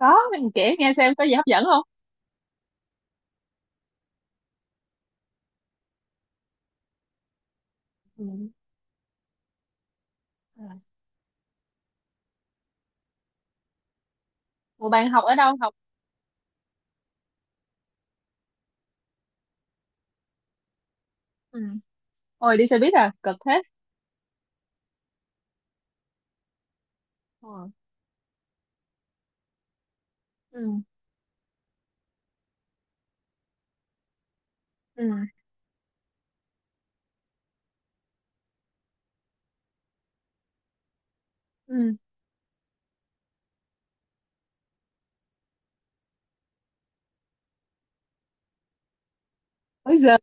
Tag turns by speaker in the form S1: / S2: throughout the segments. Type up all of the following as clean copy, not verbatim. S1: Đó, mình kể nghe xem có gì hấp dẫn không? Ừ. Ừ. Ủa bạn học ở đâu học? Ừ. Ôi đi xe buýt à, cực thế. Ờ. Ừ. Ừ. Ừ. Bây giờ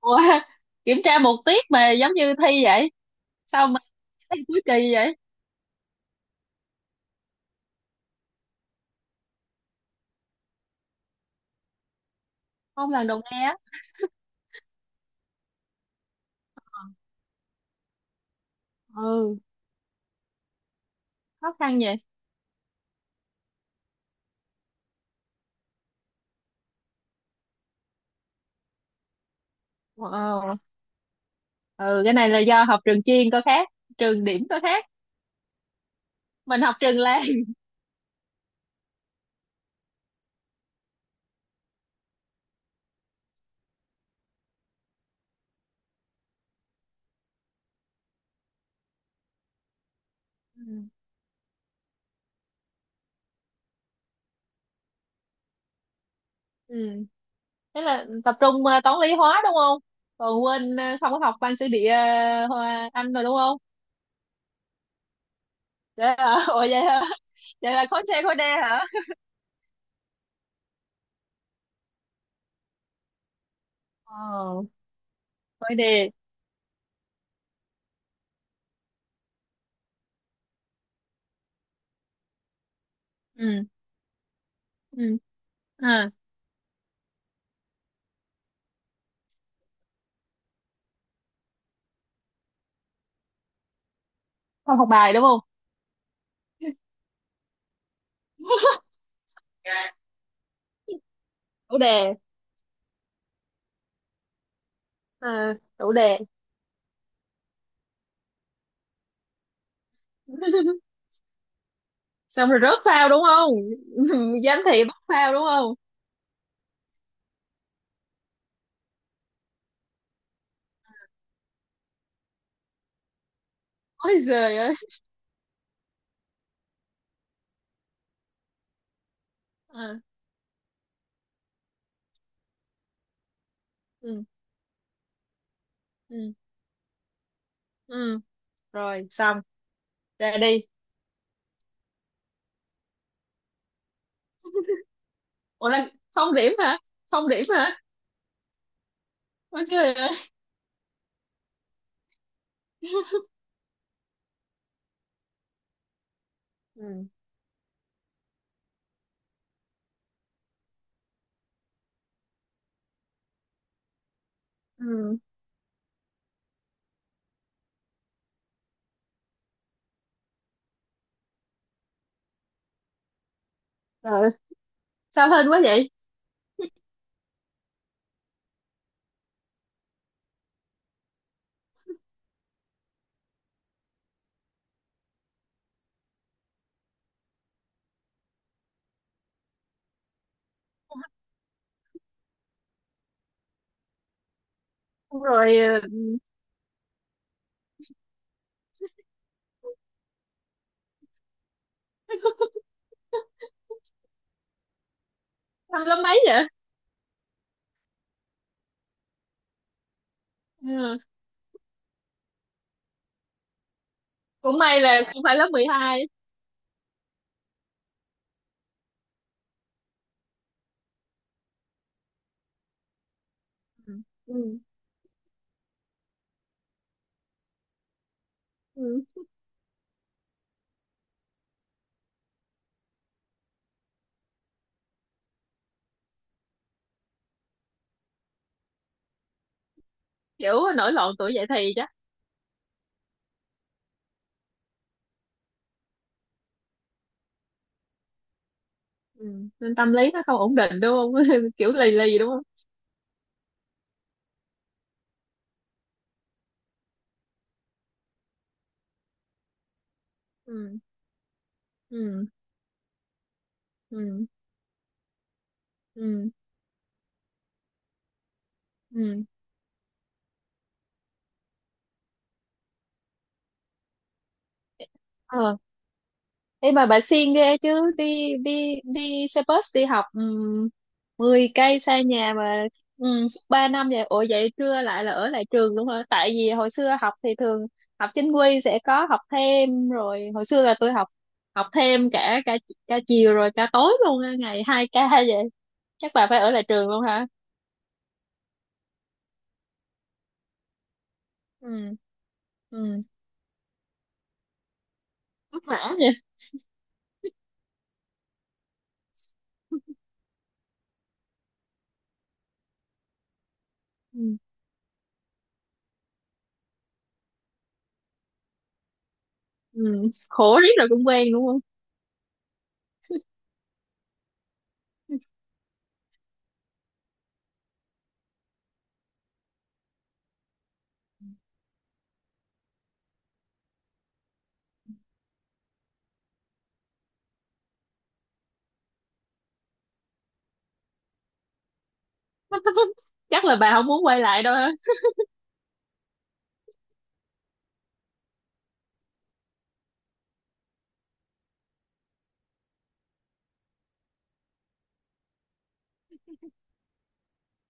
S1: ủa, kiểm tra một tiết mà giống như thi vậy. Sao mà thi cuối kỳ vậy? Không, lần đầu nghe á. Ừ, khó khăn vậy. Wow. Ừ, cái này là do học trường chuyên có khác, trường điểm có khác. Mình học trường làng. Ừ. Ừ. Thế là tập trung toán lý hóa đúng không? Còn quên không có học văn sử địa Hoa- Anh rồi đúng không? Vậy à, ủa vậy hả? Vậy là khối C khối D hả? Ờ, khối D. Ừ, ừ. À, không học bài đúng không? Dạ. Tủ đề. À, tủ đề. Xong rồi rớt phao đúng không? Giám thị bắt phao đúng không? Ôi giời ơi. À, ừ, ừ, ừ. Rồi, xong. Ra đi. Ủa, là không điểm hả? Không điểm hả? Ôi giời ơi. Ừ, ừ. Rồi, sao hên quá vậy? Xong rồi, ừ, năm lớp mấy vậy? Ừ. Cũng may là không phải lớp 12. Ừ, ừ, ừ. Kiểu nổi loạn tuổi dậy thì chắc. Ừ. Nên tâm lý nó không ổn định đúng không, kiểu lì lì đúng không. Ừ. Ừ. Ừ. Ừ. Ừ. Ờ, ê mà bà siêng ghê chứ đi đi đi xe bus đi học, ừ, 10 cây xa nhà mà, ừ, 3 năm vậy. Ủa vậy trưa lại là ở lại trường luôn hả? Tại vì hồi xưa học thì thường học chính quy sẽ có học thêm rồi. Hồi xưa là tôi học học thêm cả cả cả chiều rồi cả tối luôn á, ngày hai ca vậy. Chắc bà phải ở lại trường luôn hả? Ừ. Ừ. Vất vả vậy. Ừ. Ừ, khổ riết rồi cũng quen đúng không? Chắc là bà không muốn quay lại đâu hả?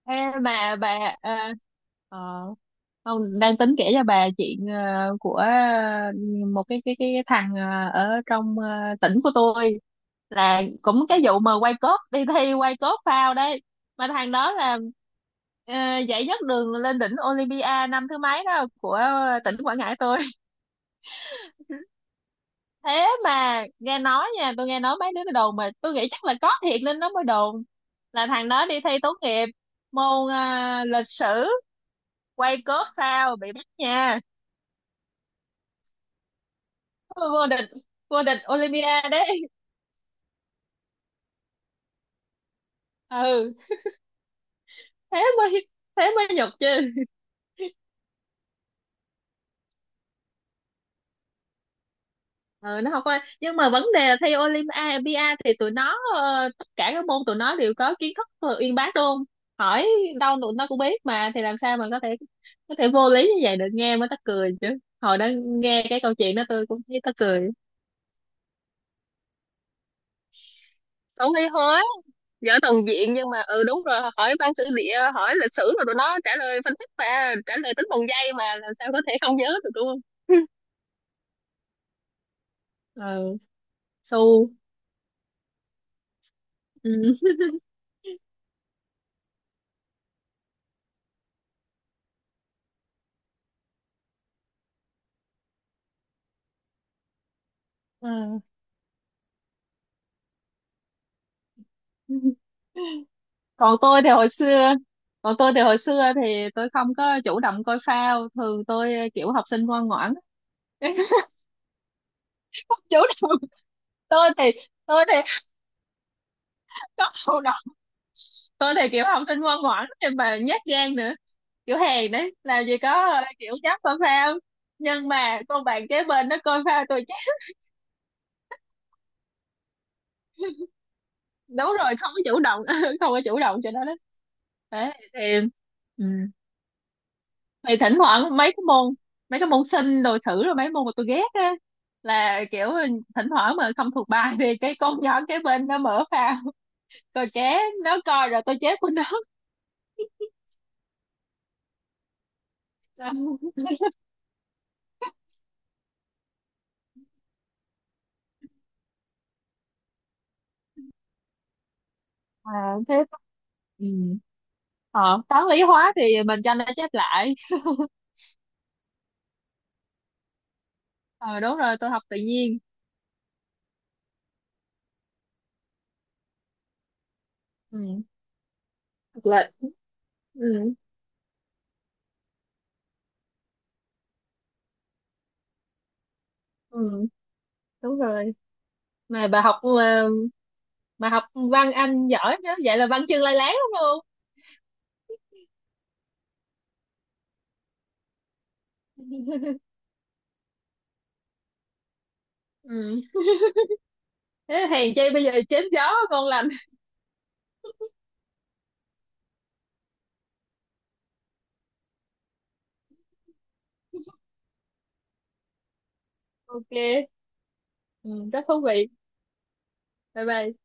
S1: Ê, mà bà, à, ờ, không đang tính kể cho bà chuyện, ờ, của, ờ, một cái cái thằng, ờ, ở trong, ờ, tỉnh của tôi, là cũng cái vụ mà quay cốt đi thi, quay cốt phao đấy. Mà thằng đó là, ờ, giải nhất đường lên đỉnh Olympia năm thứ mấy đó của tỉnh Quảng Ngãi tôi. Thế mà nghe nói nha, tôi nghe nói mấy đứa nó đồn, mà tôi nghĩ chắc là có thiệt nên nó mới đồn, là thằng đó đi thi tốt nghiệp môn, à, lịch sử, quay cốt phao bị bắt nha. Vô địch, vô địch Olympia đấy. Ừ, thế mới, thế mới nhục chứ. Ừ, nó học qua nhưng mà vấn đề là thi Olympia thì tụi nó, ờ, tất cả các môn tụi nó đều có kiến thức, ờ, uyên bác đúng không, hỏi đâu tụi nó cũng biết mà, thì làm sao mà có thể vô lý như vậy được, nghe mới mắc cười chứ. Hồi đó nghe cái câu chuyện đó tôi cũng thấy mắc cười. Không thi hóa giỏi toàn diện nhưng mà ừ đúng rồi, hỏi văn sử địa, hỏi lịch sử rồi tụi nó trả lời phân tích và trả lời tính bằng giây, mà làm sao có thể không nhớ được đúng không? Ừ, su. Ừ. Ừ. còn tôi thì hồi xưa Còn tôi thì hồi xưa thì tôi không có chủ động coi phao, thường tôi kiểu học sinh ngoan ngoãn. Không chủ động. tôi thì tôi thì có chủ động. Tôi thì kiểu học sinh ngoan ngoãn nhưng mà nhát gan nữa, kiểu hèn đấy, làm gì có, ờ, kiểu dám coi phao. Nhưng mà con bạn kế bên nó coi phao tôi chắc đúng rồi, không có chủ động, không có chủ động cho nó đó. Đấy thì, ừ, thì thỉnh thoảng mấy cái môn, mấy cái môn sinh đồ sử rồi mấy môn mà tôi ghét á, là kiểu thỉnh thoảng mà không thuộc bài thì cái con nhỏ kế bên nó mở phao, coi ké nó coi rồi tôi chết của nó. À, thế, ừ. Ờ, toán lý hóa thì mình cho nó chép lại. Ờ đúng rồi, tôi học tự nhiên. Ừ. Học lệch. Ừ. Ừ. Đúng rồi. Mà bà học, ờ, mà học văn Anh giỏi chứ, vậy là văn chương lai láng đúng không? Ừ, thế hèn chi bây giờ chém gió ngon lành. OK. Ừ, rất thú vị. Bye bye.